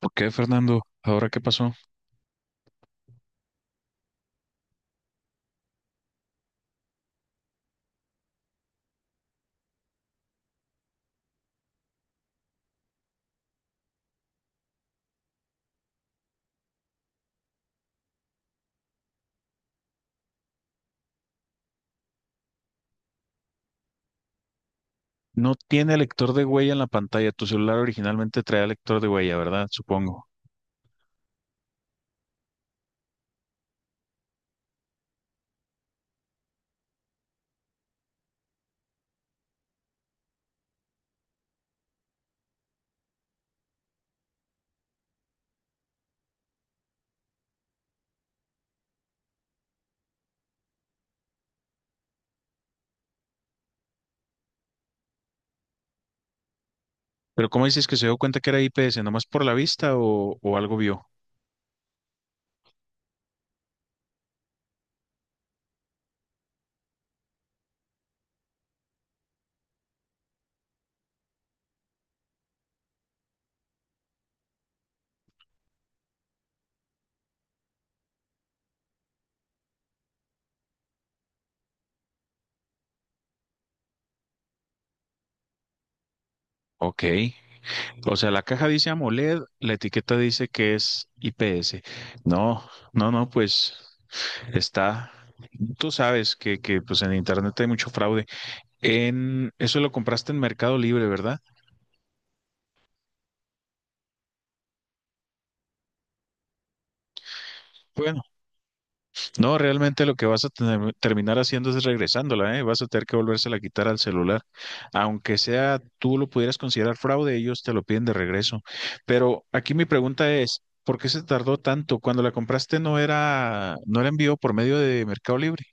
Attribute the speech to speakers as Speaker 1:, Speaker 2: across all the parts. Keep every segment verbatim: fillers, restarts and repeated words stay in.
Speaker 1: ¿Por qué, Fernando? ¿Ahora qué pasó? No tiene lector de huella en la pantalla. Tu celular originalmente traía lector de huella, ¿verdad? Supongo. Pero ¿cómo dices que se dio cuenta que era I P S? ¿Nomás por la vista o, o algo vio? Ok. O sea, la caja dice AMOLED, la etiqueta dice que es I P S. No, no, no, pues está. Tú sabes que, que pues en internet hay mucho fraude. En eso lo compraste en Mercado Libre, ¿verdad? Bueno, no, realmente lo que vas a tener- terminar haciendo es regresándola, ¿eh? Vas a tener que volvérsela a quitar al celular. Aunque sea tú lo pudieras considerar fraude, ellos te lo piden de regreso. Pero aquí mi pregunta es, ¿por qué se tardó tanto? Cuando la compraste no era, no era envío por medio de Mercado Libre.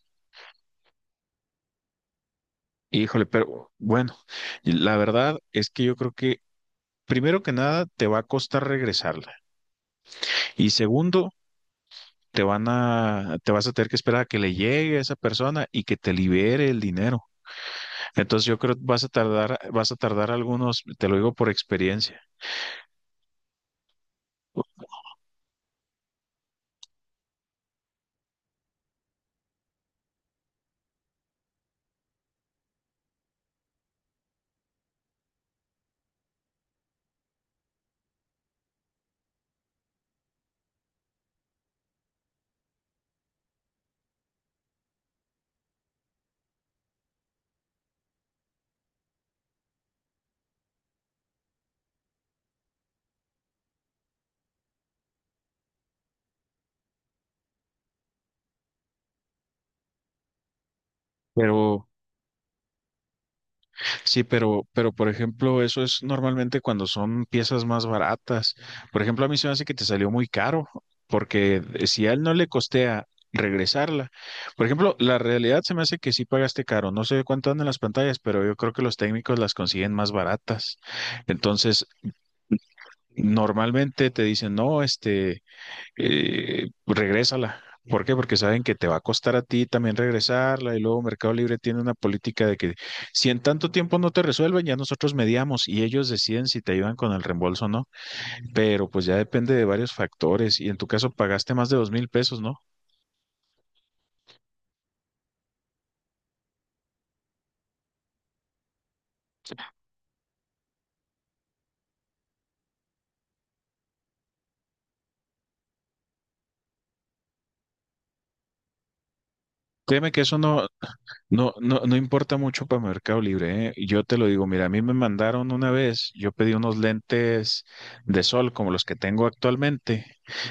Speaker 1: Híjole, pero bueno, y la verdad es que yo creo que primero que nada te va a costar regresarla y segundo, te van a, te vas a tener que esperar a que le llegue a esa persona y que te libere el dinero. Entonces yo creo que vas a tardar, vas a tardar algunos, te lo digo por experiencia, pero. Sí, pero, pero por ejemplo, eso es normalmente cuando son piezas más baratas. Por ejemplo, a mí se me hace que te salió muy caro, porque si a él no le costea regresarla. Por ejemplo, la realidad se me hace que sí pagaste caro. No sé cuánto andan las pantallas, pero yo creo que los técnicos las consiguen más baratas. Entonces, normalmente te dicen, no, este eh, regrésala. ¿Por qué? Porque saben que te va a costar a ti también regresarla y luego Mercado Libre tiene una política de que si en tanto tiempo no te resuelven, ya nosotros mediamos y ellos deciden si te ayudan con el reembolso o no, pero pues ya depende de varios factores y en tu caso pagaste más de dos mil pesos, ¿no? Créeme que eso no. No, no, no importa mucho para Mercado Libre, ¿eh? Yo te lo digo, mira, a mí me mandaron una vez, yo pedí unos lentes de sol como los que tengo actualmente,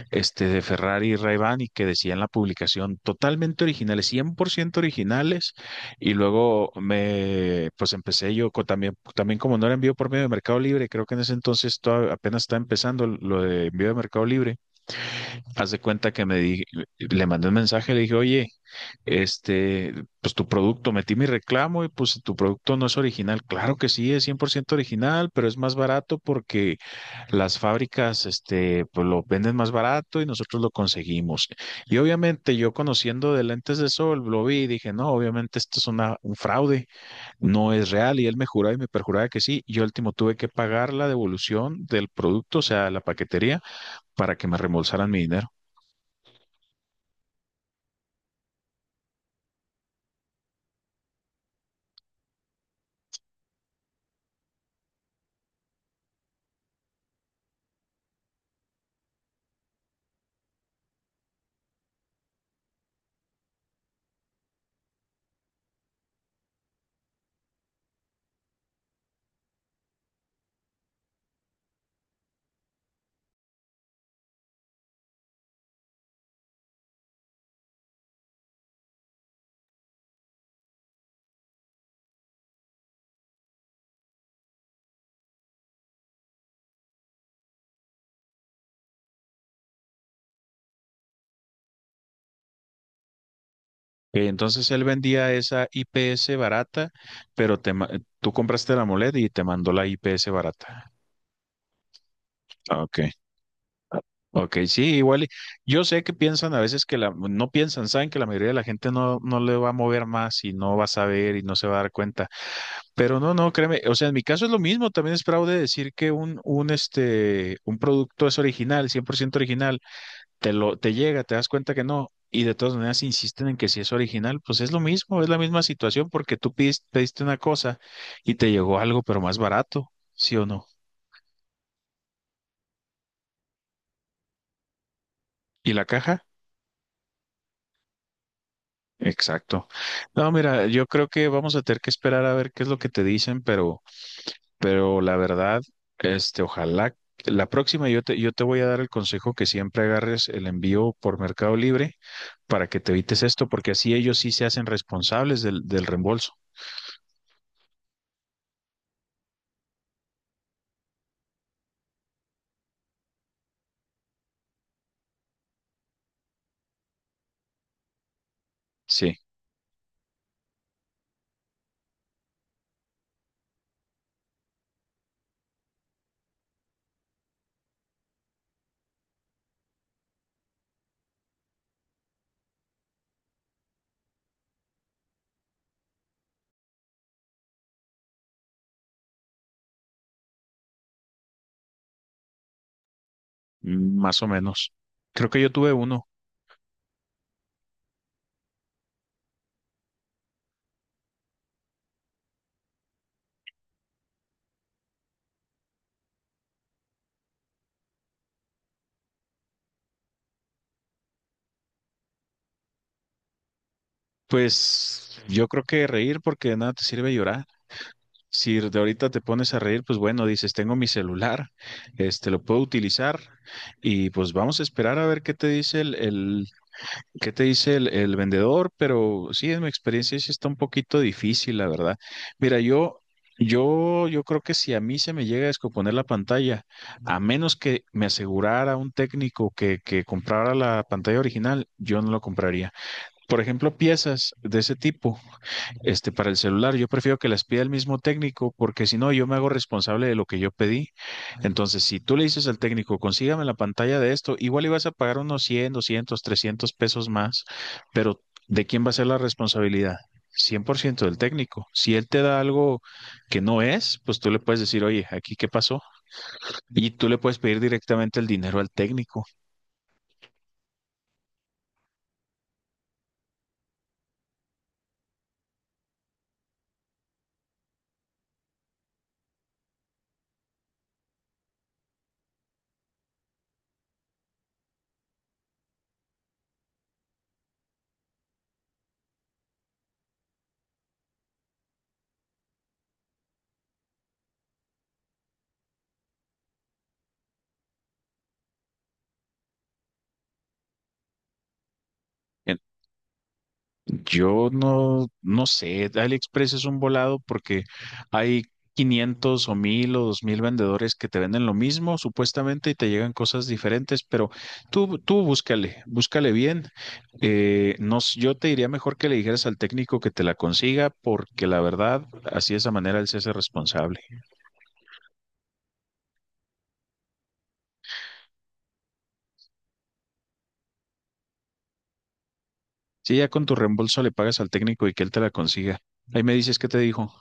Speaker 1: este de Ferrari y Ray-Ban y que decían la publicación totalmente originales, cien por ciento originales y luego me, pues empecé yo co- también, también como no era envío por medio de Mercado Libre, creo que en ese entonces toda- apenas estaba empezando lo de envío de Mercado Libre, haz de cuenta que me di, le mandé un mensaje, le dije, oye, este, pues tu producto, metí mi reclamo y pues tu producto no es original. Claro que sí, es cien por ciento original, pero es más barato porque las fábricas, este, pues lo venden más barato y nosotros lo conseguimos. Y obviamente yo conociendo de lentes de sol, lo vi y dije, no, obviamente esto es una, un fraude, no es real. Y él me juraba y me perjuraba que sí. Yo último tuve que pagar la devolución del producto, o sea, la paquetería, para que me reembolsaran mi dinero. Ok. Entonces él vendía esa I P S barata, pero te, ma- tú compraste la AMOLED y te mandó la I P S barata. Ah, ok, ok, sí, igual. y- Yo sé que piensan a veces que la, no piensan, saben que la mayoría de la gente no, no le va a mover más y no va a saber y no se va a dar cuenta. Pero no, no, créeme, o sea, en mi caso es lo mismo, también es fraude decir que un, un, este, un producto es original, cien por ciento original, te lo, te llega, te das cuenta que no, y de todas maneras insisten en que si es original, pues es lo mismo, es la misma situación porque tú pedis- pediste una cosa y te llegó algo, pero más barato, ¿sí o no? ¿Y la caja? Exacto. No, mira, yo creo que vamos a tener que esperar a ver qué es lo que te dicen, pero, pero, la verdad, este, ojalá que la próxima yo te, yo te voy a dar el consejo que siempre agarres el envío por Mercado Libre para que te evites esto, porque así ellos sí se hacen responsables del, del reembolso. Sí. Mm, Más o menos. Creo que yo tuve uno. Pues yo creo que reír porque de nada te sirve llorar. Si de ahorita te pones a reír, pues bueno, dices, tengo mi celular, este lo puedo utilizar y pues vamos a esperar a ver qué te dice el, el ¿Qué te dice el, el vendedor? Pero sí, en mi experiencia sí está un poquito difícil, la verdad. Mira, yo, yo, yo creo que si a mí se me llega a descomponer la pantalla, a menos que me asegurara un técnico que, que comprara la pantalla original, yo no lo compraría. Por ejemplo, piezas de ese tipo este, para el celular. Yo prefiero que las pida el mismo técnico porque si no, yo me hago responsable de lo que yo pedí. Entonces, si tú le dices al técnico, consígame la pantalla de esto, igual ibas a pagar unos cien, doscientos, trescientos pesos más, pero ¿de quién va a ser la responsabilidad? Cien por ciento del técnico. Si él te da algo que no es, pues tú le puedes decir, oye, aquí qué pasó. Y tú le puedes pedir directamente el dinero al técnico. Yo no, no sé, AliExpress es un volado porque hay quinientos o mil o dos mil vendedores que te venden lo mismo supuestamente y te llegan cosas diferentes, pero tú, tú búscale, búscale bien. Eh, no, s- yo te diría mejor que le dijeras al técnico que te la consiga porque la verdad, así de esa manera él se hace responsable. Si ya con tu reembolso le pagas al técnico y que él te la consiga, ahí me dices qué te dijo.